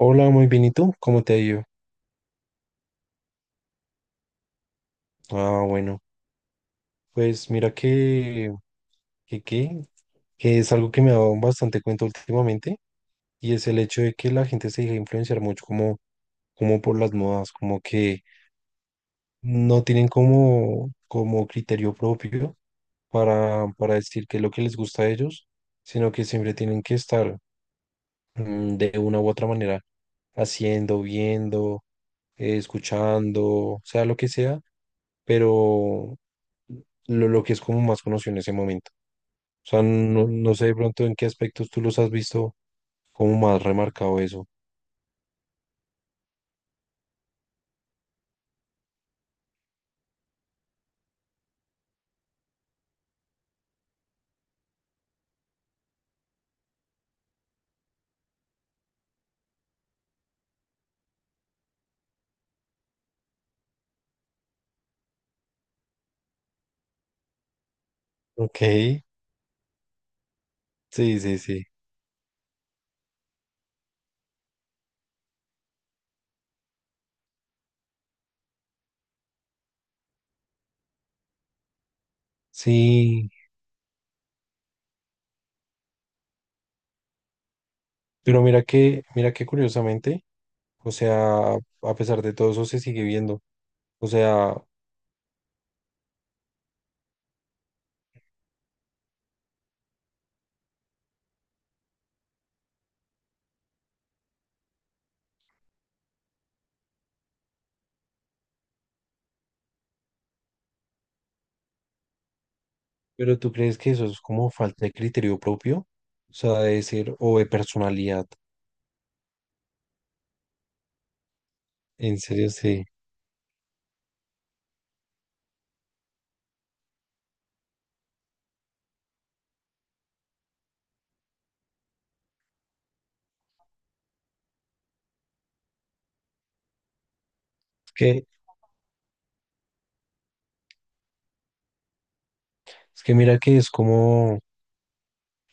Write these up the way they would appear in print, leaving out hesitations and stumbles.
Hola, muy bien. ¿Y tú? ¿Cómo te ha ido? Ah, bueno, pues mira que, que, que es algo que me ha dado bastante cuenta últimamente y es el hecho de que la gente se deja influenciar mucho como por las modas, como que no tienen como criterio propio para decir qué es lo que les gusta a ellos, sino que siempre tienen que estar de una u otra manera, haciendo, viendo, escuchando, sea lo que sea, pero lo que es como más conocido en ese momento. O sea, no sé de pronto en qué aspectos tú los has visto como más remarcado eso. Ok, sí, sí, sí. Sí, pero mira que curiosamente, o sea, a pesar de todo eso se sigue viendo. O sea, pero tú crees que eso es como falta de criterio propio, o sea, de decir, o de personalidad. En serio, sí. Es que, es que mira que es como,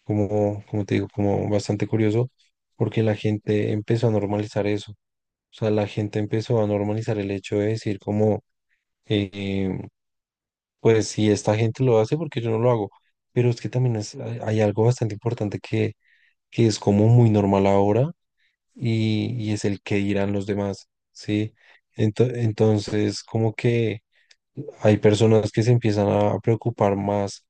como te digo, como bastante curioso, porque la gente empezó a normalizar eso. O sea, la gente empezó a normalizar el hecho de decir como, eh, pues si esta gente lo hace, porque yo no lo hago. Pero es que también hay algo bastante importante que es como muy normal ahora y es el que dirán los demás, ¿sí? Entonces, como que hay personas que se empiezan a preocupar más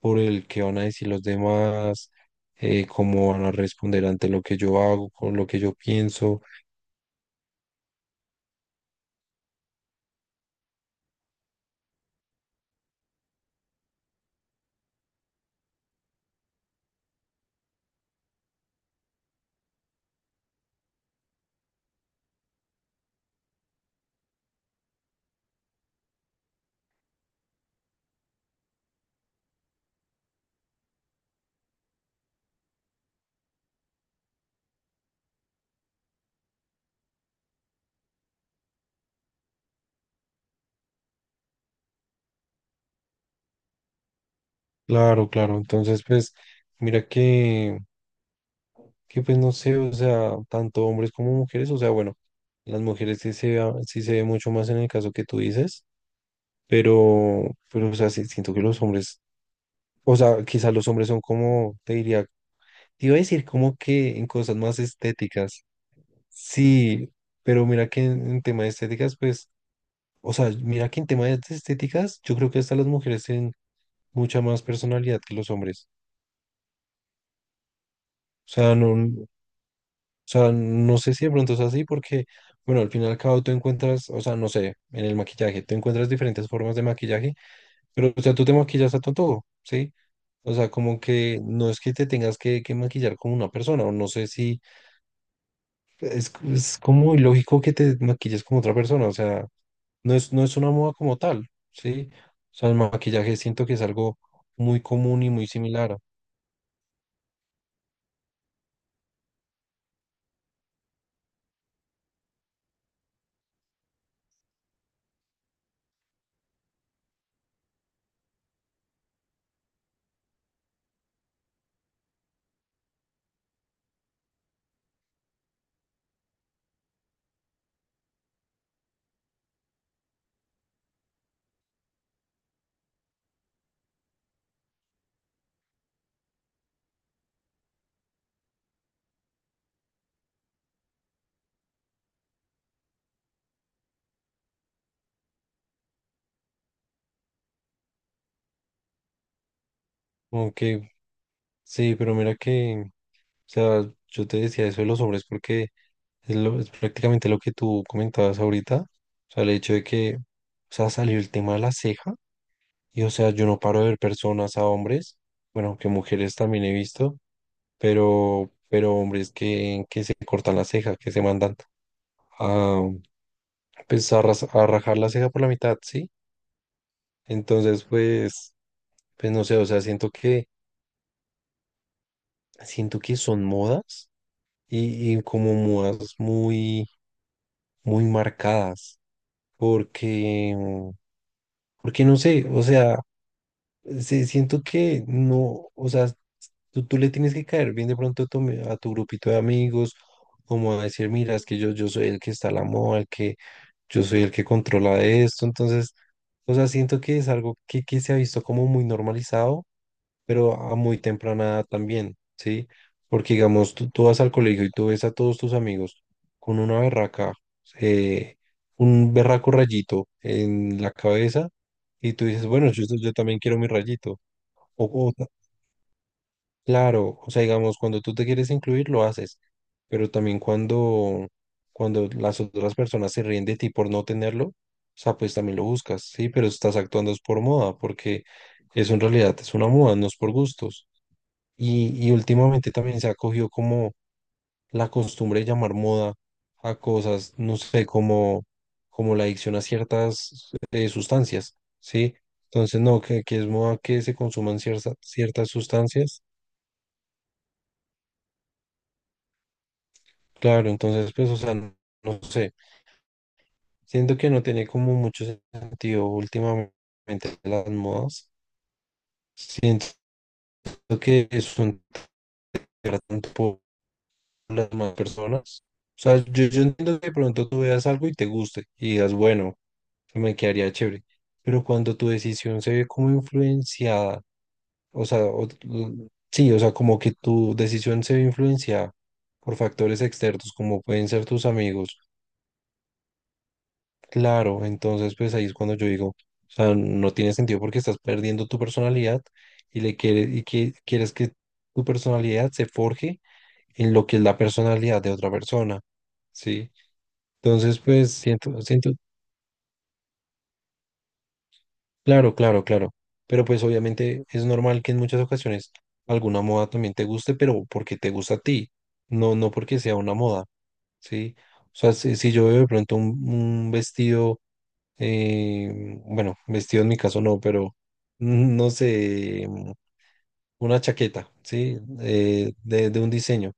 por el que van a decir los demás, cómo van a responder ante lo que yo hago, con lo que yo pienso. Claro, claro. Entonces, pues, mira que pues no sé, o sea, tanto hombres como mujeres, o sea, bueno, las mujeres sí se, sí se ve mucho más en el caso que tú dices. Pero, pero, o sea, sí, siento que los hombres o sea, quizás los hombres son como, te diría, te iba a decir como que en cosas más estéticas. Sí, pero mira que en tema de estéticas, pues, o sea, mira que en tema de estéticas, yo creo que hasta las mujeres tienen mucha más personalidad que los hombres. O sea, no sé si de pronto es así porque, bueno, al final y al cabo tú encuentras, o sea, no sé, en el maquillaje, tú encuentras diferentes formas de maquillaje, pero, o sea, tú te maquillas a todo, ¿sí? O sea, como que no es que te tengas que maquillar como una persona, o no sé si es, es como ilógico que te maquilles como otra persona, o sea, no es, no es una moda como tal, ¿sí? O sea, el maquillaje siento que es algo muy común y muy similar, aunque sí, pero mira que, o sea, yo te decía eso de los hombres porque es, es prácticamente lo que tú comentabas ahorita, o sea, el hecho de que, o sea, salió el tema de la ceja y, o sea, yo no paro de ver personas a hombres, bueno, que mujeres también he visto, pero hombres que se cortan la ceja, que se mandan a, pues, a, a rajar la ceja por la mitad, ¿sí? Entonces, pues, pues no sé, o sea, siento que son modas y como modas muy, muy marcadas, porque, porque no sé, o sea, siento que no, o sea, tú le tienes que caer bien de pronto a tu, a tu grupito de amigos, como a decir, mira, es que yo soy el que está a la moda, el que yo soy el que controla esto. Entonces, o sea, siento que es algo que se ha visto como muy normalizado, pero a muy temprana edad también, ¿sí? Porque, digamos, tú vas al colegio y tú ves a todos tus amigos con una berraca, eh, un berraco rayito en la cabeza, y tú dices, bueno, yo también quiero mi rayito. Claro, o sea, digamos, cuando tú te quieres incluir, lo haces, pero también cuando, cuando las otras personas se ríen de ti por no tenerlo, o sea, pues también lo buscas, sí, pero estás actuando es por moda, porque eso en realidad es una moda, no es por gustos. Y últimamente también se ha cogido como la costumbre de llamar moda a cosas, no sé, como, como la adicción a ciertas sustancias, sí. Entonces, no, que es moda que se consuman ciertas, ciertas sustancias. Claro, entonces, pues, o sea, no, no sé, siento que no tiene como mucho sentido últimamente las modas, siento que es un tanto por las más personas, o sea, yo entiendo que de pronto tú veas algo y te guste y digas, bueno, me quedaría chévere, pero cuando tu decisión se ve como influenciada, o sea, sí, o sea, como que tu decisión se ve influenciada por factores externos, como pueden ser tus amigos. Claro, entonces pues ahí es cuando yo digo, o sea, no tiene sentido porque estás perdiendo tu personalidad y le quieres y que quieres que tu personalidad se forje en lo que es la personalidad de otra persona, ¿sí? Entonces pues siento siento claro, claro, claro, pero pues obviamente es normal que en muchas ocasiones alguna moda también te guste, pero porque te gusta a ti, no no porque sea una moda, ¿sí? O sea, si, si yo veo de pronto un vestido bueno, vestido en mi caso no, pero no sé, una chaqueta, ¿sí? De un diseño.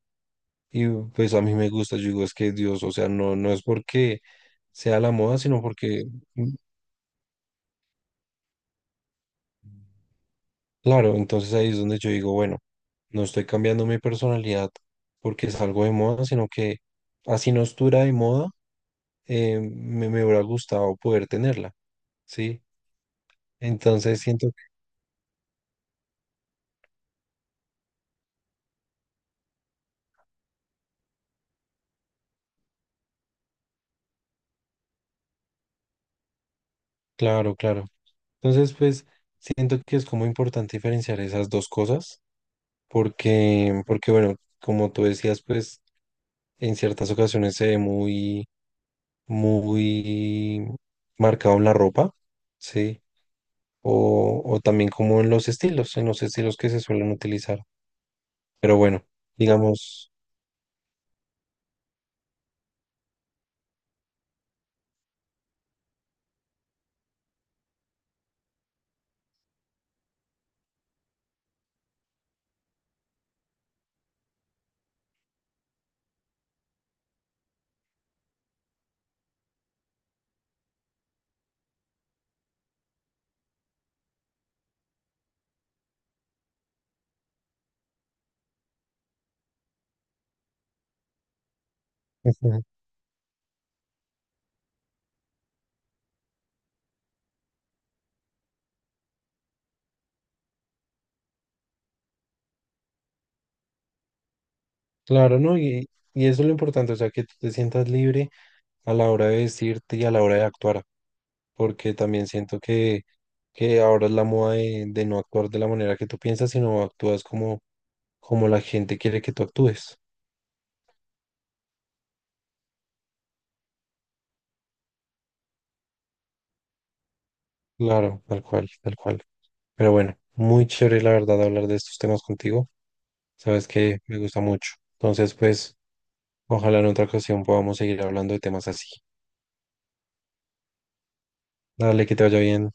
Y pues a mí me gusta, yo digo, es que Dios, o sea, no, no es porque sea la moda, sino porque, mm, claro, entonces ahí es donde yo digo, bueno, no estoy cambiando mi personalidad porque es algo de moda, sino que así no estuviera de moda, me, me hubiera gustado poder tenerla, ¿sí? Entonces siento que, claro, claro. Entonces, pues siento que es como importante diferenciar esas dos cosas, porque, porque bueno, como tú decías, pues en ciertas ocasiones se ve muy, muy marcado en la ropa, ¿sí? O también como en los estilos que se suelen utilizar. Pero bueno, digamos, ujú. Claro, ¿no? Y eso es lo importante, o sea, que tú te sientas libre a la hora de vestirte y a la hora de actuar. Porque también siento que ahora es la moda de no actuar de la manera que tú piensas, sino actúas como, como la gente quiere que tú actúes. Claro, tal cual, tal cual. Pero bueno, muy chévere la verdad hablar de estos temas contigo. Sabes que me gusta mucho. Entonces, pues, ojalá en otra ocasión podamos seguir hablando de temas así. Dale, que te vaya bien.